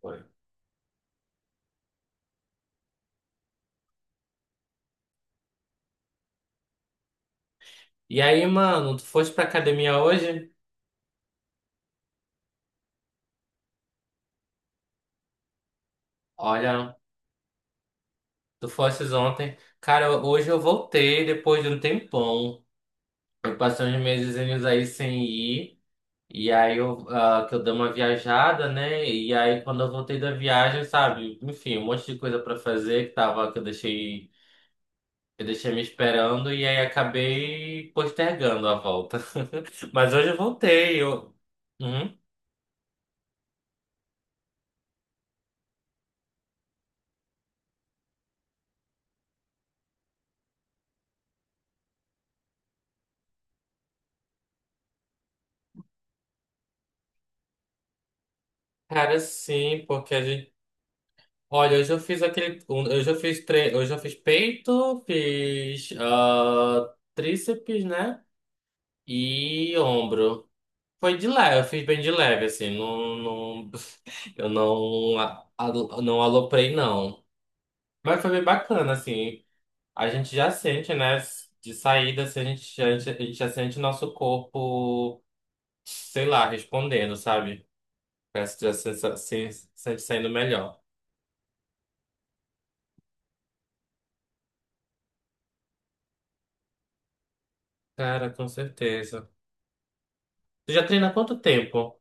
Foi. E aí, mano, tu foste pra academia hoje? Olha, tu fostes ontem. Cara, hoje eu voltei depois de um tempão. Eu passei uns mesezinhos aí sem ir. E aí eu, ah, que eu dei uma viajada, né? E aí quando eu voltei da viagem, sabe? Enfim, um monte de coisa pra fazer que eu deixei me esperando e aí acabei postergando a volta. Mas hoje eu voltei. Uhum. Cara, sim, porque a gente. Olha, eu já fiz aquele. Eu já fiz eu já fiz peito, fiz tríceps, né? E ombro. Foi de leve, eu fiz bem de leve, assim. Não, não. Eu não, não aloprei, não. Mas foi bem bacana, assim. A gente já sente, né? De saída, assim, a gente já sente nosso corpo, sei lá, respondendo, sabe? Parece que já se sente saindo melhor. Cara, com certeza. Tu já treina há quanto tempo?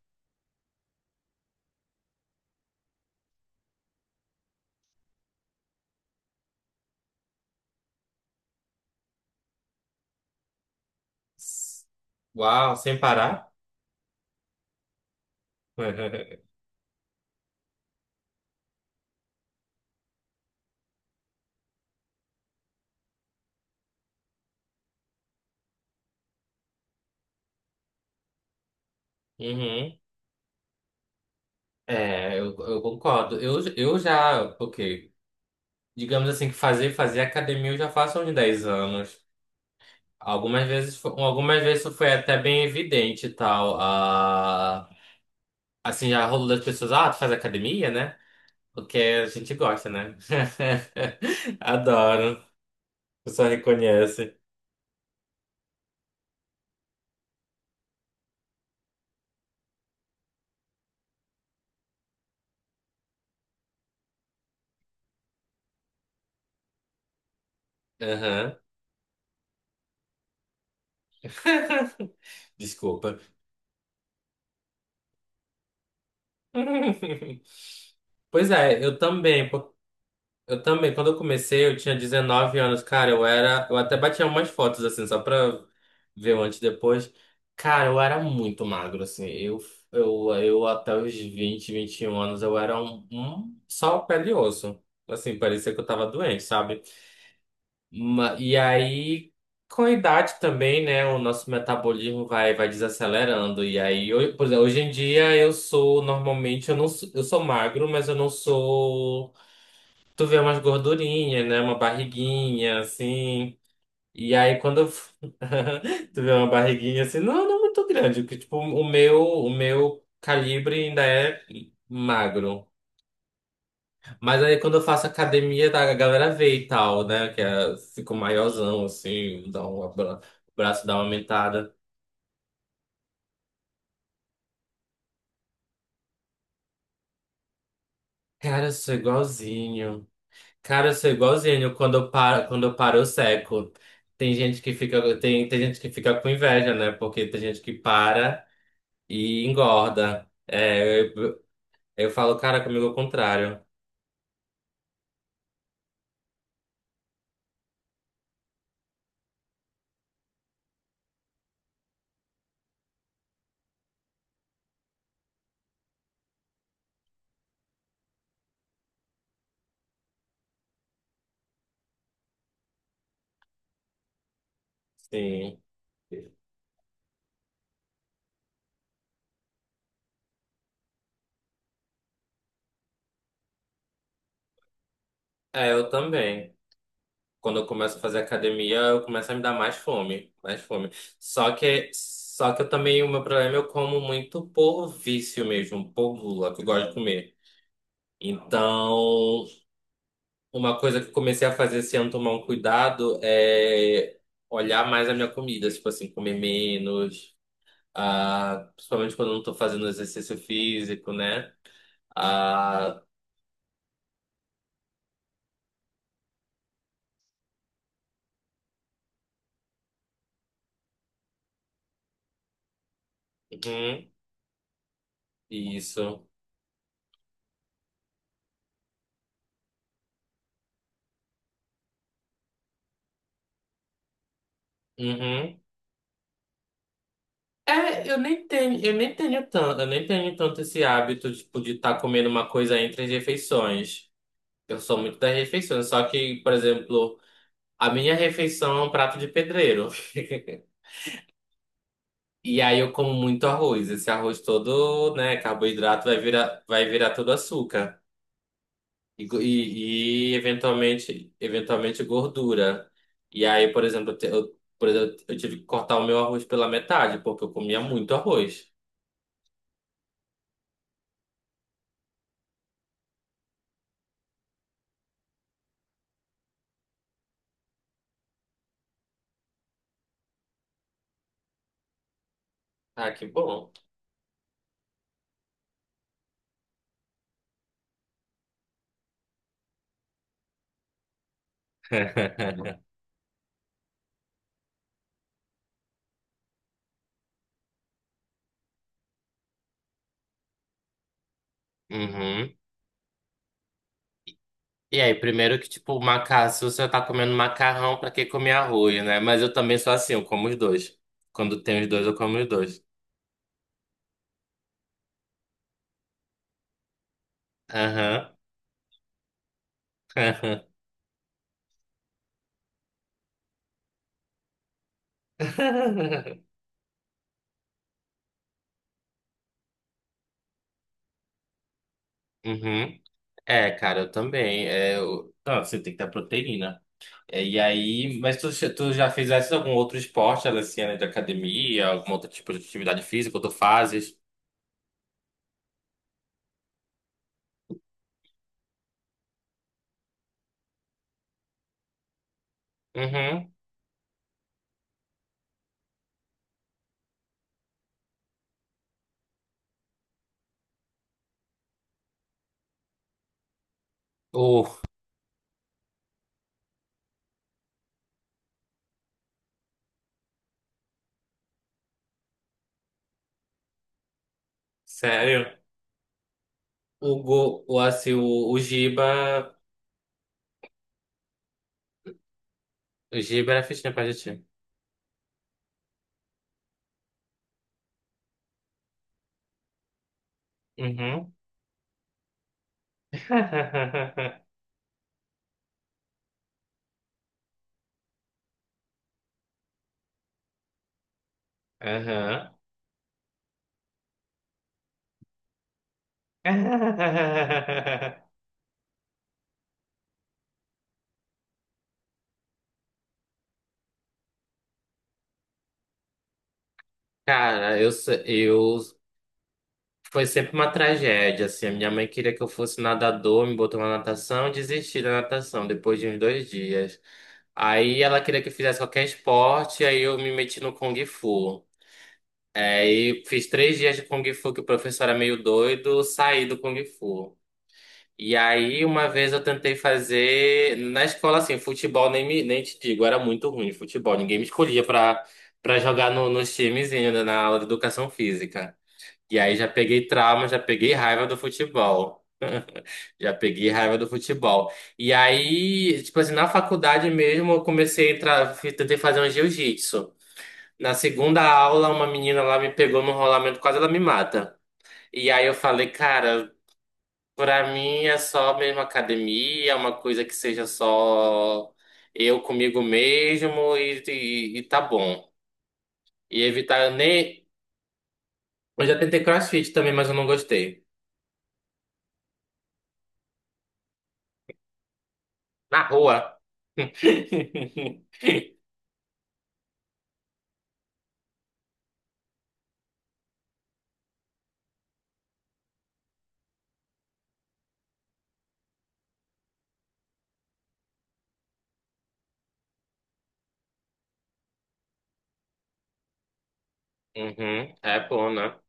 Uau, sem parar? Uhum. É, eu concordo. Eu já, ok. Digamos assim que fazer academia eu já faço há uns 10 anos. Algumas vezes isso foi até bem evidente e tal. Ah, assim, já rolou das pessoas, tu faz academia, né? Porque a gente gosta, né? Adoro. A pessoa reconhece. Aham. Desculpa. Pois é, eu também. Eu também, quando eu comecei, eu tinha 19 anos, cara, eu era, eu até batia umas fotos assim, só pra ver o antes e depois. Cara, eu era muito magro, assim, eu até os vinte vinte e um anos, eu era um só pele e osso, assim, parecia que eu tava doente, sabe? E aí, com a idade também, né, o nosso metabolismo vai desacelerando, e aí, eu, por exemplo, hoje em dia eu sou, normalmente, eu não, eu sou magro, mas eu não sou. Tu vê umas gordurinhas, né? Uma barriguinha, assim. E aí quando eu f- Tu vê uma barriguinha assim, não, não muito grande, porque tipo, o meu calibre ainda é magro. Mas aí quando eu faço academia, tá, a galera vê e tal, né? Que é, fico maiorzão, assim, o braço dá uma aumentada. Cara, eu sou igualzinho. Cara, eu sou igualzinho quando eu paro, eu seco. Tem gente que fica com inveja, né? Porque tem gente que para, e engorda. É, eu falo, cara, comigo é o contrário. Sim. É, eu também. Quando eu começo a fazer academia, eu começo a me dar mais fome, mais fome. Só que eu também, o meu problema, eu como muito por vício mesmo, por gula, que eu gosto de comer. Então, uma coisa que eu comecei a fazer esse ano, tomar um cuidado, é olhar mais a minha comida, tipo assim, comer menos, principalmente quando eu não tô fazendo exercício físico, né? Ah, uhum, isso. Uhum. É, eu nem tenho tanto esse hábito, tipo, de estar comendo uma coisa entre as refeições. Eu sou muito das refeições, só que, por exemplo, a minha refeição é um prato de pedreiro. E aí eu como muito arroz. Esse arroz todo, né, carboidrato vai virar todo açúcar. E eventualmente gordura. E aí, por exemplo, eu tive que cortar o meu arroz pela metade, porque eu comia muito arroz. Ah, que bom. Uhum. E aí, primeiro que, tipo, macarrão, se você tá comendo macarrão, pra que comer arroz, né? Mas eu também sou assim, eu como os dois. Quando tem os dois, eu como os dois. Aham. Uhum. É, cara, eu também. É, Não, você tem que ter proteína. É, e aí, mas tu já fizesse algum outro esporte, além assim, né, de academia, algum outro tipo de atividade física, ou tu fazes? Uhum. O, sério? O, go, o, assim, o Giba era fitness pra gente. Uhum. Aham. Cara, eu, se- eu, foi sempre uma tragédia, assim, a minha mãe queria que eu fosse nadador, me botou na natação, eu desisti da natação depois de uns 2 dias. Aí ela queria que eu fizesse qualquer esporte, aí eu me meti no Kung Fu. É, aí fiz 3 dias de Kung Fu, que o professor era meio doido, saí do Kung Fu. E aí uma vez eu tentei fazer, na escola assim, futebol nem, me, nem te digo, era muito ruim de futebol, ninguém me escolhia pra, para jogar no, nos times ainda na aula de educação física. E aí já peguei trauma, já peguei raiva do futebol. Já peguei raiva do futebol. E aí, tipo assim, na faculdade mesmo, eu comecei a entrar, tentei fazer um jiu-jitsu. Na segunda aula, uma menina lá me pegou no rolamento, quase ela me mata. E aí eu falei, cara, pra mim é só mesmo academia, é uma coisa que seja só eu comigo mesmo e tá bom. E evitar, eu nem. Eu já tentei CrossFit também, mas eu não gostei. Na rua. Uhum, é bom, né?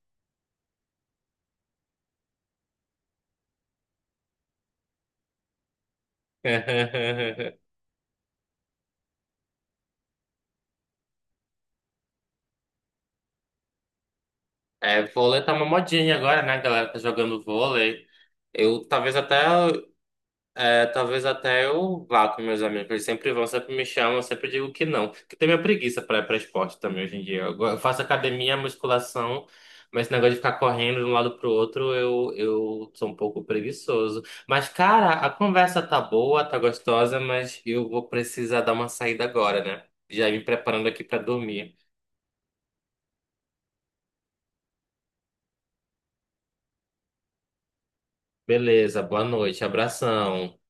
É, vôlei tá uma modinha agora, né? A galera tá jogando vôlei. Eu talvez até é, talvez até eu vá com meus amigos. Eles sempre vão, sempre me chamam, eu sempre digo que não. Porque tem minha preguiça pra ir pra esporte também hoje em dia. Eu faço academia, musculação, mas esse negócio de ficar correndo de um lado pro outro, eu sou um pouco preguiçoso. Mas, cara, a conversa tá boa, tá gostosa, mas eu vou precisar dar uma saída agora, né? Já ir me preparando aqui pra dormir. Beleza, boa noite, abração.